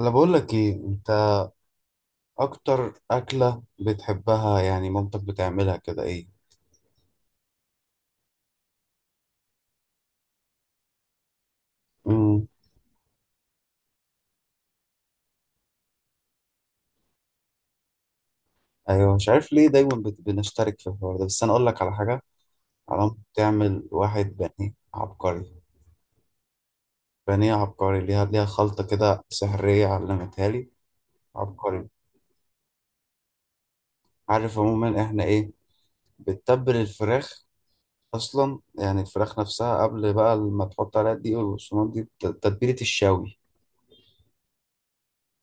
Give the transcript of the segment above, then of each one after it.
انا بقول لك ايه انت؟ اكتر اكله بتحبها، يعني مامتك بتعملها كده، ايه؟ امم ايوه، مش عارف ليه دايما بنشترك في الحوار ده، بس انا اقول لك على حاجه. علام بتعمل واحد بانيه عبقري. بانيه عبقري، ليها خلطه كده سحريه علمتها لي. عبقري. عارف عموما احنا ايه؟ بتتبل الفراخ. اصلا يعني الفراخ نفسها قبل بقى ما تحط عليها الدقيق والبقسماط دي تتبيله الشاوي.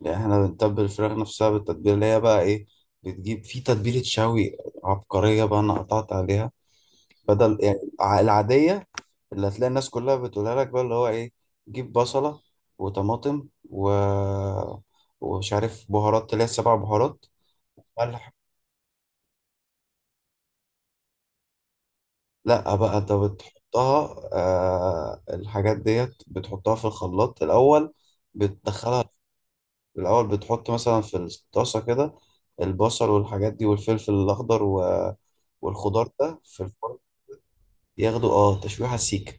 يعني احنا بنتبل الفراخ نفسها بالتتبيله اللي هي بقى ايه، بتجيب في تتبيله شوي عبقريه بقى، انا قطعت عليها. بدل يعني العاديه اللي هتلاقي الناس كلها بتقولها لك بقى، اللي هو ايه، جيب بصله وطماطم و... ومش عارف بهارات، اللي هي السبع بهارات، ملح. لا بقى، انت بتحطها الحاجات ديت بتحطها في الخلاط الاول. بتدخلها. الأول بتحط مثلا في الطاسة كده البصل والحاجات دي والفلفل الأخضر و... والخضار ده في الفرن، ياخدوا اه تشويحة سيكة.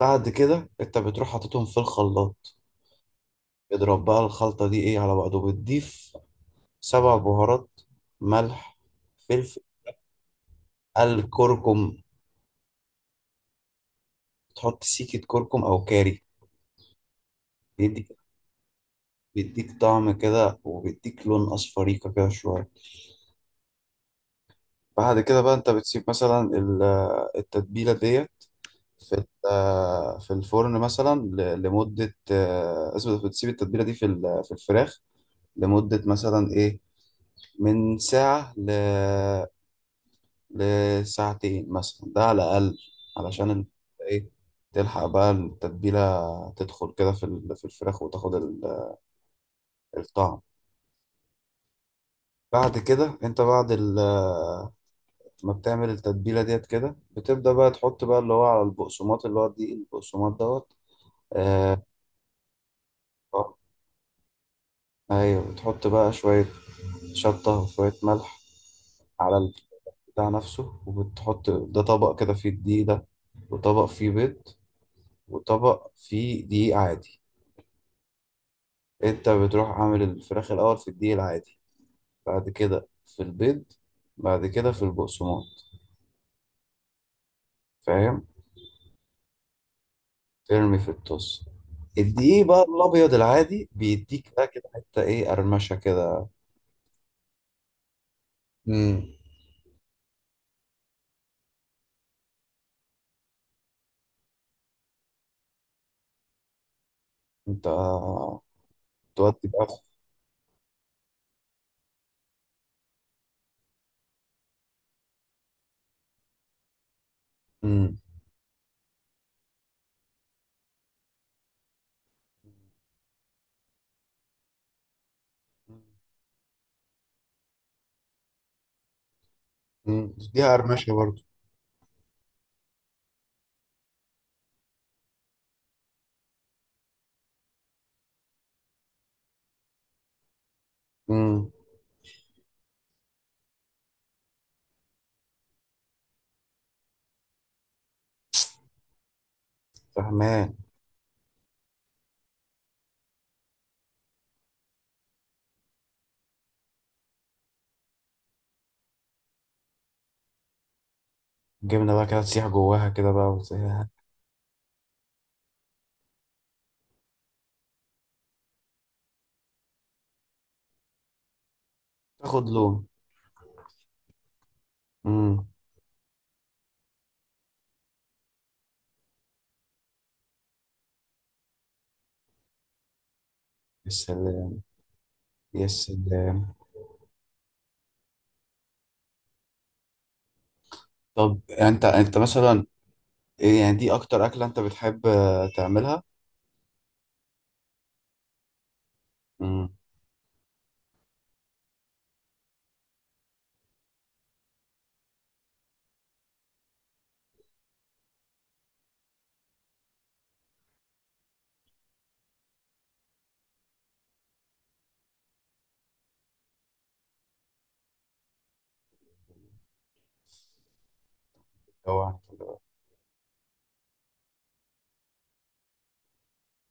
بعد كده انت بتروح حاططهم في الخلاط. اضرب بقى الخلطة دي ايه على بعضه، بتضيف سبع بهارات، ملح، فلفل، الكركم. تحط سيكة كركم أو كاري. بيديك بيديك طعم كده وبيديك لون أصفريقة كده شوية. بعد كده بقى انت بتسيب مثلا التتبيلة دي في في الفرن مثلا لمدة اسمه ده، بتسيب التتبيلة دي في في الفراخ لمدة مثلا إيه، من ساعة ل... لساعتين مثلا ده على الأقل، علشان إيه، تلحق بقى التتبيلة تدخل كده في في الفراخ وتاخد الطعم. بعد كده انت بعد ما بتعمل التتبيلة ديت كده بتبدأ بقى تحط بقى اللي هو على البقسماط، اللي هو دي البقسماط دوت. آه، ايوه، بتحط بقى شوية شطة وشوية ملح على البتاع نفسه، وبتحط ده طبق كده فيه الدقيق ده، وطبق فيه بيض، وطبق فيه دقيق عادي. انت بتروح عامل الفراخ الأول في الدقيق العادي، بعد كده في البيض، بعد كده في البقسماط. فاهم؟ ترمي في الطاسة الدقيق بقى الأبيض العادي، بيديك بقى كده حتة إيه، قرمشة كده. مم. انت تودي بقى. مم. مم. مم. دي قرمشة برضه. مم. فاهمان. الجبنة بقى كده تسيح جواها كده بقى تاخد لون. امم. يا سلام. يا سلام. طب انت، انت مثلا إيه يعني، دي اكتر اكلة انت بتحب تعملها؟ امم. اوعى.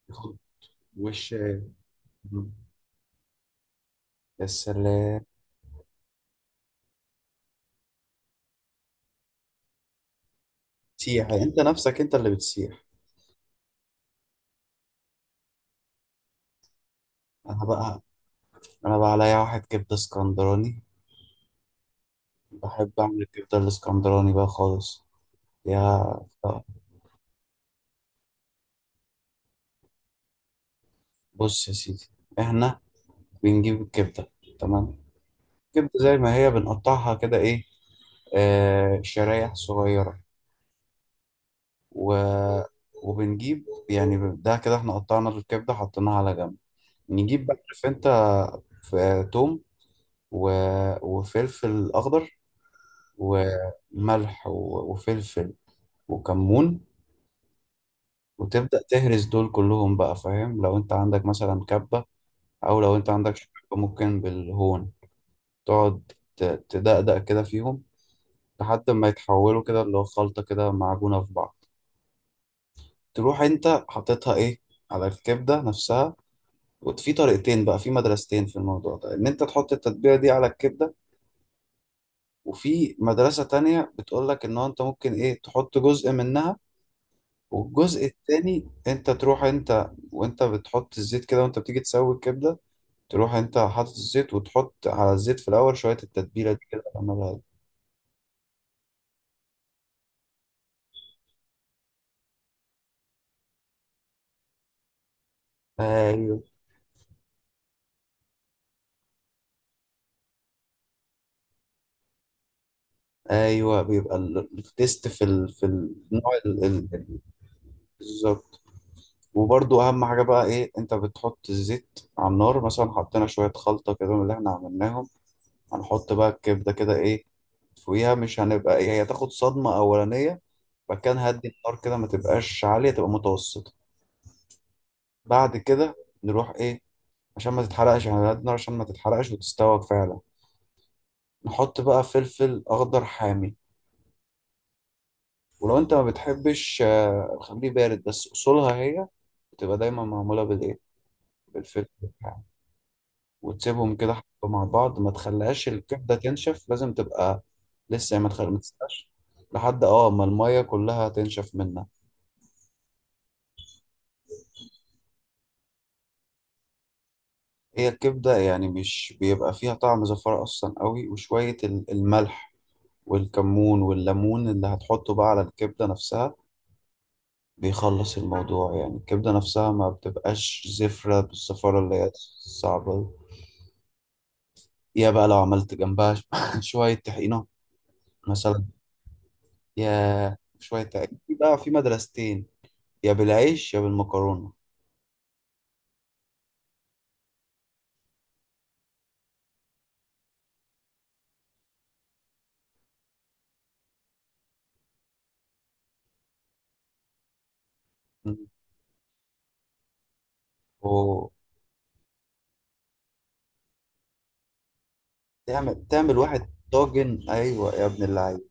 تاخد وش. مم. يا سلام. تسيح انت نفسك، انت اللي بتسيح. انا بقى، انا بقى عليا واحد كبدة اسكندراني، بحب اعمل الكبدة الاسكندراني بقى خالص. يا. بص يا سيدي، احنا بنجيب الكبدة. تمام. الكبدة زي ما هي بنقطعها كده ايه، شرايح صغيرة و... وبنجيب يعني، ده كده احنا قطعنا الكبدة حطيناها على جنب. نجيب بقى، عارف انت، ف- توم و... وفلفل أخضر وملح و... وفلفل وكمون، وتبدأ تهرس دول كلهم بقى. فاهم؟ لو انت عندك مثلا كبة، أو لو انت عندك شوربة، ممكن بالهون تقعد ت- تدقدق كده فيهم لحد ما يتحولوا كده اللي هو خلطة كده معجونة في بعض. تروح انت حاططها ايه على الكبده نفسها. وفي طريقتين بقى، في مدرستين في الموضوع ده، ان انت تحط التتبيله دي على الكبده، وفي مدرسه تانية بتقول لك ان هو انت ممكن ايه تحط جزء منها، والجزء التاني انت تروح، انت وانت بتحط الزيت كده وانت بتيجي تسوي الكبده، تروح انت حاطط الزيت وتحط على الزيت في الاول شويه التتبيله دي كده تعملها دي. ايوه. ايوه، بيبقى التيست في ال... في النوع ال... ال... ال-. بالظبط. وبرضو اهم حاجه بقى ايه، انت بتحط الزيت على النار مثلا، حطينا شويه خلطه كده من اللي احنا عملناهم، هنحط بقى الكبده كده ايه فوقيها، مش هنبقى ايه، هي تاخد صدمه اولانيه. بعد كده نهدي النار كده ما تبقاش عاليه، تبقى متوسطه. بعد كده نروح ايه، عشان ما تتحرقش، احنا هنهدي النار عشان ما تتحرقش وتستوى فعلا. نحط بقى فلفل اخضر حامي. ولو انت ما بتحبش خليه بارد، بس اصولها هي بتبقى دايما معموله بالايه، بالفلفل الحامي. وتسيبهم كده حبة مع بعض، ما تخليهاش الكبدة تنشف، لازم تبقى لسه يعني، ما تخل... ما تسيبهاش لحد اه ما المية كلها تنشف منها. هي الكبدة يعني مش بيبقى فيها طعم زفارة أصلا قوي، وشوية الملح والكمون والليمون اللي هتحطه بقى على الكبدة نفسها بيخلص الموضوع. يعني الكبدة نفسها ما بتبقاش زفرة بالزفارة اللي هي صعبة دي. يا بقى لو عملت جنبها شوية طحينة مثلا. يا شوية طحينة، في بقى في مدرستين، يا بالعيش يا بالمكرونة. مم. وتعمل. تعمل واحد طاجن، أيوة يا ابن اللعيب.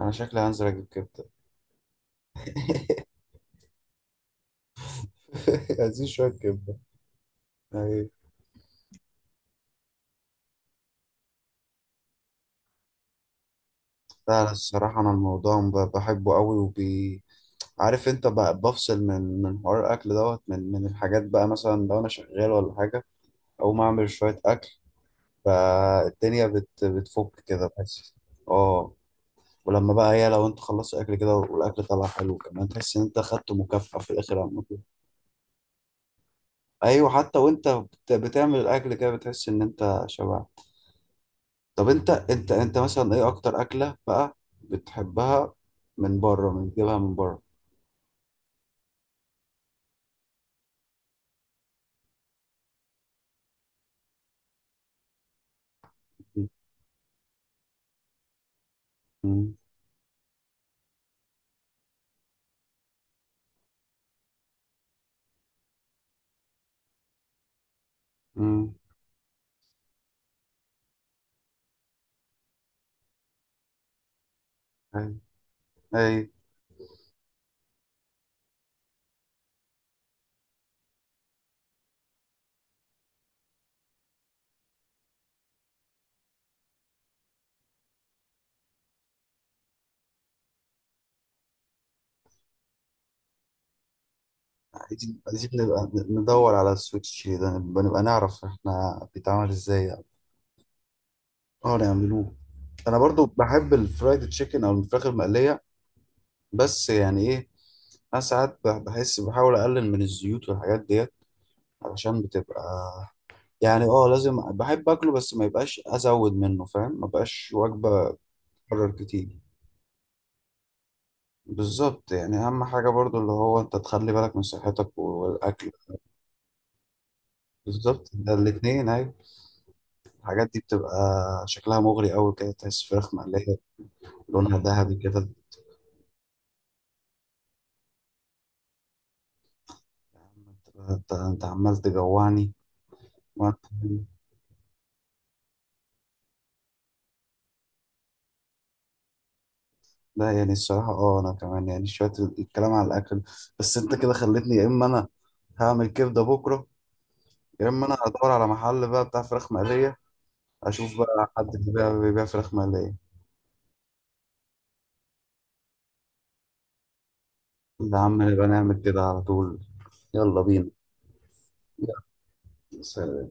أنا شكلي هنزل أجيب كبدة. عايزين شوية كبدة. أيوة. لا لا، الصراحة أنا الموضوع بحبه قوي عارف أنت بفصل من حوار الأكل دوت، من الحاجات بقى، مثلا لو أنا شغال ولا حاجة أقوم أعمل شوية أكل، فالدنيا بتفك كده بس. أه. ولما بقى هي لو أنت خلصت أكل كده والأكل طلع حلو كمان، تحس إن أنت خدت مكافأة في الآخر عامة. ايوه، حتى وانت بتعمل الاكل كده بتحس ان انت شبع. طب انت، انت مثلا ايه اكتر اكله بقى بتحبها من بره؟ من بتجيبها من بره؟ امم. امم. اي، اي. عايزين، عايزين نبقى ندور على السويتش ده، نبقى نعرف احنا بيتعمل ازاي يعني. اه نعملوه. انا برضو بحب الفرايد تشيكن او الفراخ المقليه. بس يعني ايه، انا ساعات بحس بحاول اقلل من الزيوت والحاجات ديت علشان بتبقى، يعني اه لازم، بحب اكله بس ما يبقاش ازود منه. فاهم؟ ما بقاش وجبه اتكرر كتير. بالظبط، يعني اهم حاجه برضو اللي هو انت تخلي بالك من صحتك والاكل. بالظبط، ده الاتنين، ايوه. الحاجات دي بتبقى شكلها مغري قوي كده، تحس فراخ مقليه لونها ذهبي كده. يا عم انت، انت، أنت عمال تجوعني. كمان. لا يعني الصراحه، اه، انا كمان يعني شويه الكلام على الاكل، بس انت كده خلتني يا اما انا هعمل كبده بكره، يا اما انا هدور على محل بقى بتاع فراخ مقليه، اشوف بقى حد بيبيع فراخ مقلية. يا عم نبقى نعمل كده على طول. يلا بينا. يلا. سلام.